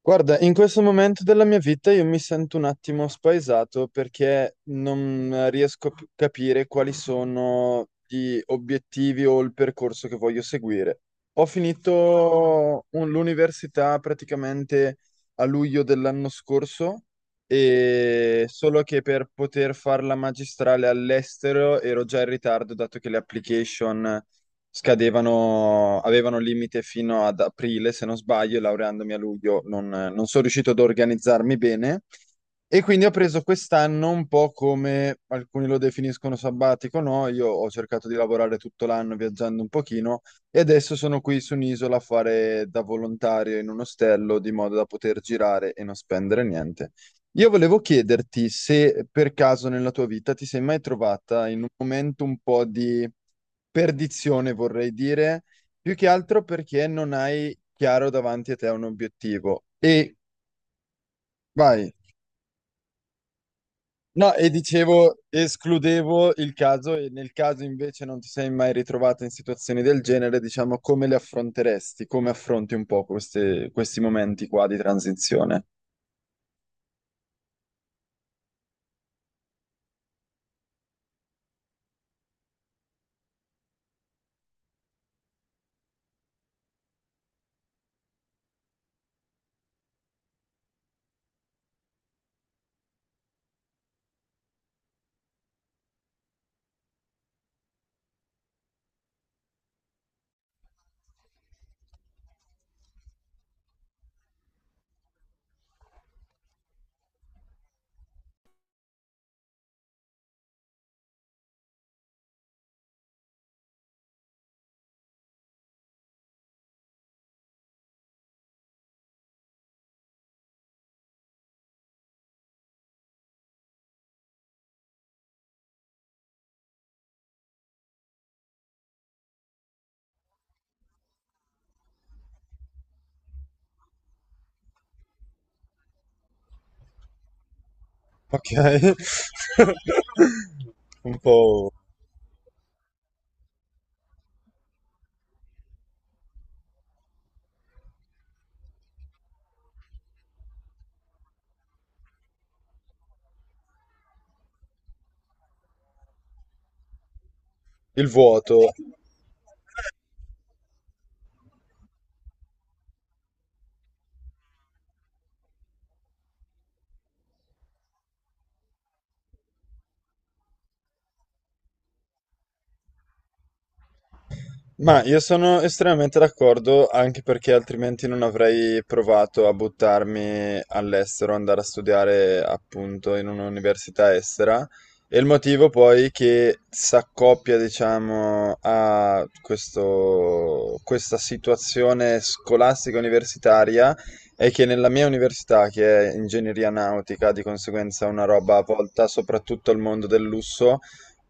Guarda, in questo momento della mia vita io mi sento un attimo spaesato perché non riesco a capire quali sono gli obiettivi o il percorso che voglio seguire. Ho finito l'università praticamente a luglio dell'anno scorso e solo che per poter fare la magistrale all'estero ero già in ritardo dato che le application scadevano, avevano limite fino ad aprile, se non sbaglio, e laureandomi a luglio non sono riuscito ad organizzarmi bene e quindi ho preso quest'anno un po' come alcuni lo definiscono sabbatico, no? Io ho cercato di lavorare tutto l'anno viaggiando un pochino e adesso sono qui su un'isola a fare da volontario in un ostello di modo da poter girare e non spendere niente. Io volevo chiederti se per caso nella tua vita ti sei mai trovata in un momento un po' di perdizione, vorrei dire, più che altro perché non hai chiaro davanti a te un obiettivo. E vai. No, e dicevo, escludevo il caso e nel caso invece non ti sei mai ritrovato in situazioni del genere, diciamo, come le affronteresti? Come affronti un po' questi momenti qua di transizione? Ok. Un po' il vuoto. Ma io sono estremamente d'accordo, anche perché altrimenti non avrei provato a buttarmi all'estero, andare a studiare appunto in un'università estera. E il motivo poi che s'accoppia, diciamo, a questa situazione scolastica universitaria è che nella mia università, che è ingegneria nautica, di conseguenza una roba volta soprattutto al mondo del lusso,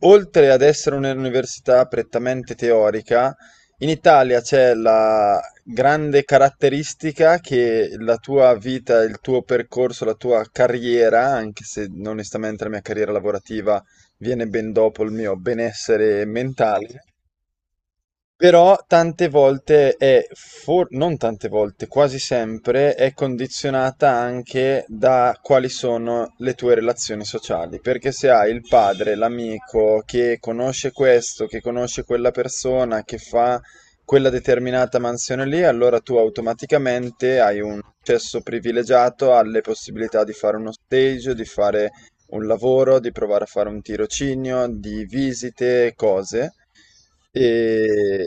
oltre ad essere un'università prettamente teorica, in Italia c'è la grande caratteristica che la tua vita, il tuo percorso, la tua carriera, anche se onestamente la mia carriera lavorativa viene ben dopo il mio benessere mentale, però tante volte non tante volte, quasi sempre è condizionata anche da quali sono le tue relazioni sociali. Perché se hai il padre, l'amico che conosce questo, che conosce quella persona, che fa quella determinata mansione lì, allora tu automaticamente hai un accesso privilegiato alle possibilità di fare uno stage, di fare un lavoro, di provare a fare un tirocinio, di visite, cose. E,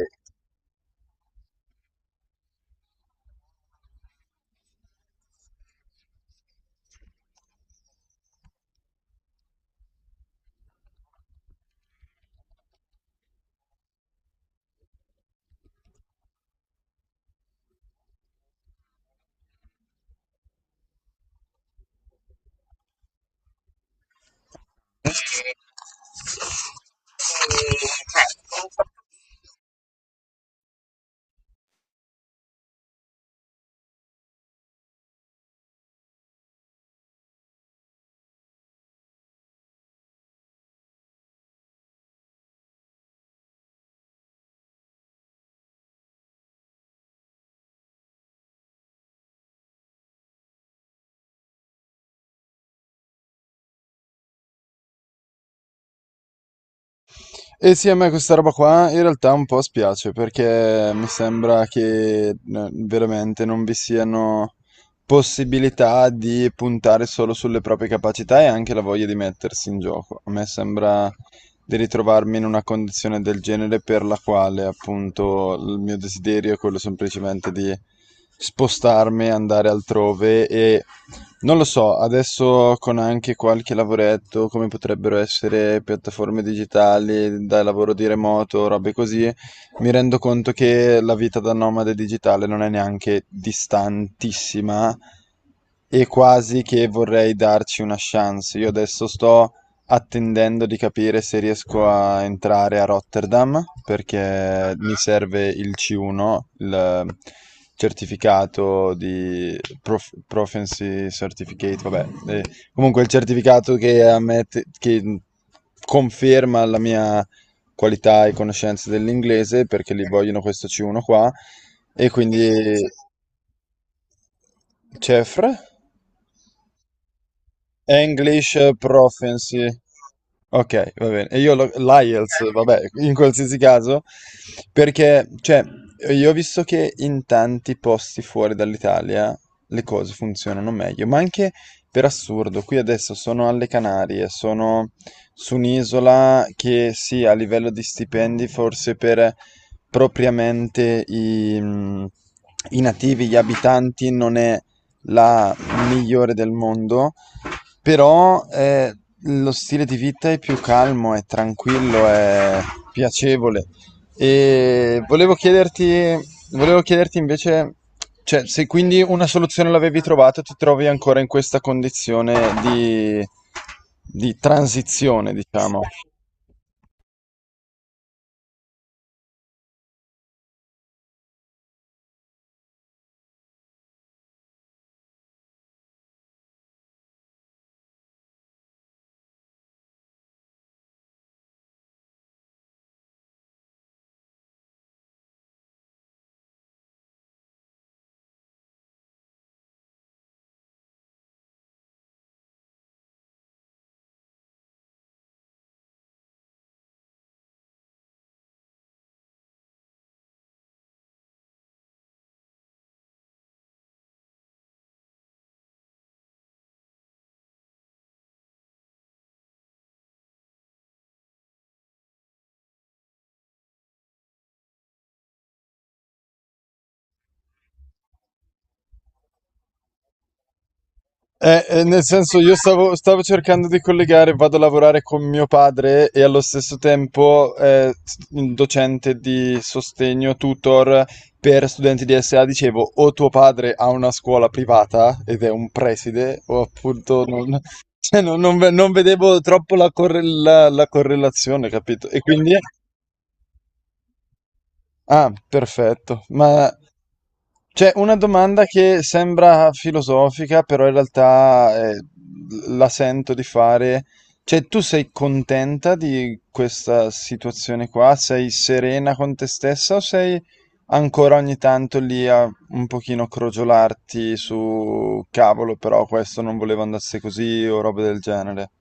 E sì, a me questa roba qua in realtà un po' spiace perché mi sembra che veramente non vi siano possibilità di puntare solo sulle proprie capacità e anche la voglia di mettersi in gioco. A me sembra di ritrovarmi in una condizione del genere per la quale appunto il mio desiderio è quello semplicemente di spostarmi, andare altrove e non lo so, adesso con anche qualche lavoretto, come potrebbero essere piattaforme digitali, da lavoro di remoto, robe così, mi rendo conto che la vita da nomade digitale non è neanche distantissima e quasi che vorrei darci una chance. Io adesso sto attendendo di capire se riesco a entrare a Rotterdam perché mi serve il C1, il certificato di Proficiency Certificate, vabbè, comunque il certificato che, che conferma la mia qualità e conoscenza dell'inglese perché li vogliono questo C1 qua e quindi CEFR. English Proficiency. Ok, va bene. E io l'IELTS, vabbè, in qualsiasi caso, perché, cioè, io ho visto che in tanti posti fuori dall'Italia le cose funzionano meglio, ma anche per assurdo, qui adesso sono alle Canarie, sono su un'isola che sì, a livello di stipendi, forse per propriamente i nativi, gli abitanti, non è la migliore del mondo. Però lo stile di vita è più calmo, è tranquillo, è piacevole. E volevo chiederti invece, cioè, se quindi una soluzione l'avevi trovata, ti trovi ancora in questa condizione di transizione, diciamo. Nel senso, io stavo cercando di collegare, vado a lavorare con mio padre e allo stesso tempo docente di sostegno, tutor per studenti di SA. Dicevo, o tuo padre ha una scuola privata ed è un preside, o appunto non, cioè, non vedevo troppo la, la correlazione, capito? E quindi. Ah, perfetto. Ma c'è una domanda che sembra filosofica, però in realtà la sento di fare. Cioè, tu sei contenta di questa situazione qua? Sei serena con te stessa o sei ancora ogni tanto lì a un pochino crogiolarti su cavolo, però questo non voleva andasse così o roba del genere?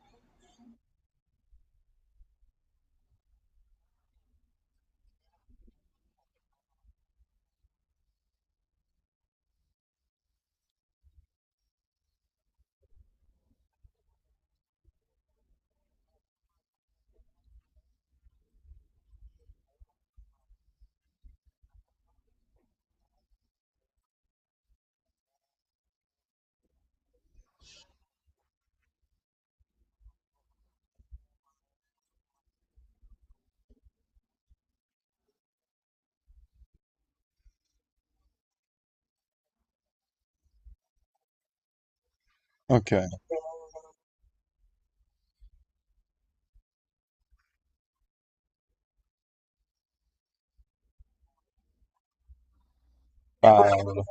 Ok. Cavolo.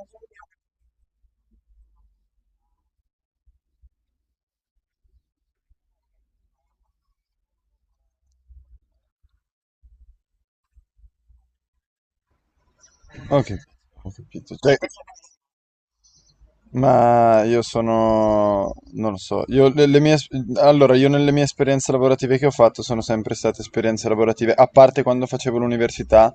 Ok, ho capito. Cioè, ma io sono, non lo so, io le mie, allora io nelle mie esperienze lavorative che ho fatto sono sempre state esperienze lavorative, a parte quando facevo l'università,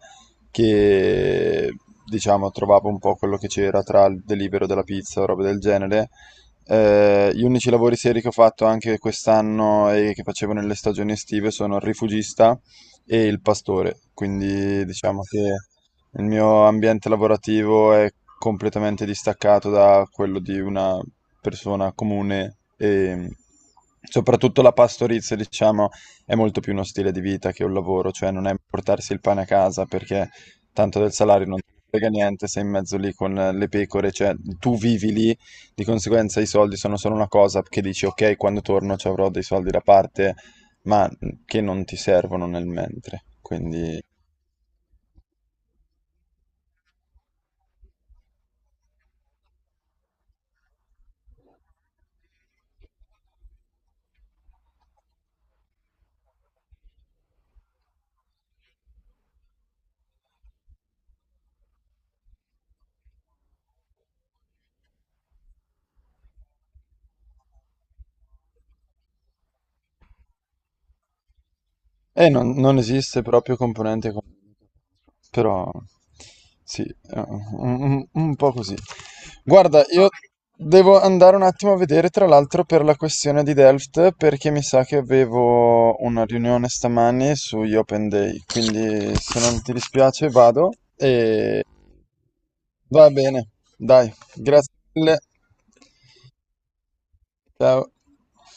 che diciamo trovavo un po' quello che c'era tra il delibero della pizza o roba del genere. Gli unici lavori seri che ho fatto anche quest'anno e che facevo nelle stagioni estive sono il rifugista e il pastore, quindi diciamo che... Il mio ambiente lavorativo è completamente distaccato da quello di una persona comune e soprattutto la pastorizia, diciamo, è molto più uno stile di vita che un lavoro, cioè non è portarsi il pane a casa perché tanto del salario non ti frega niente, sei in mezzo lì con le pecore, cioè tu vivi lì, di conseguenza i soldi sono solo una cosa che dici ok, quando torno ci avrò dei soldi da parte, ma che non ti servono nel mentre, quindi... Non esiste proprio componente economica, però sì, un po' così. Guarda, io devo andare un attimo a vedere, tra l'altro, per la questione di Delft, perché mi sa che avevo una riunione stamani sugli Open Day, quindi se non ti dispiace vado e va bene, dai, grazie mille, ciao.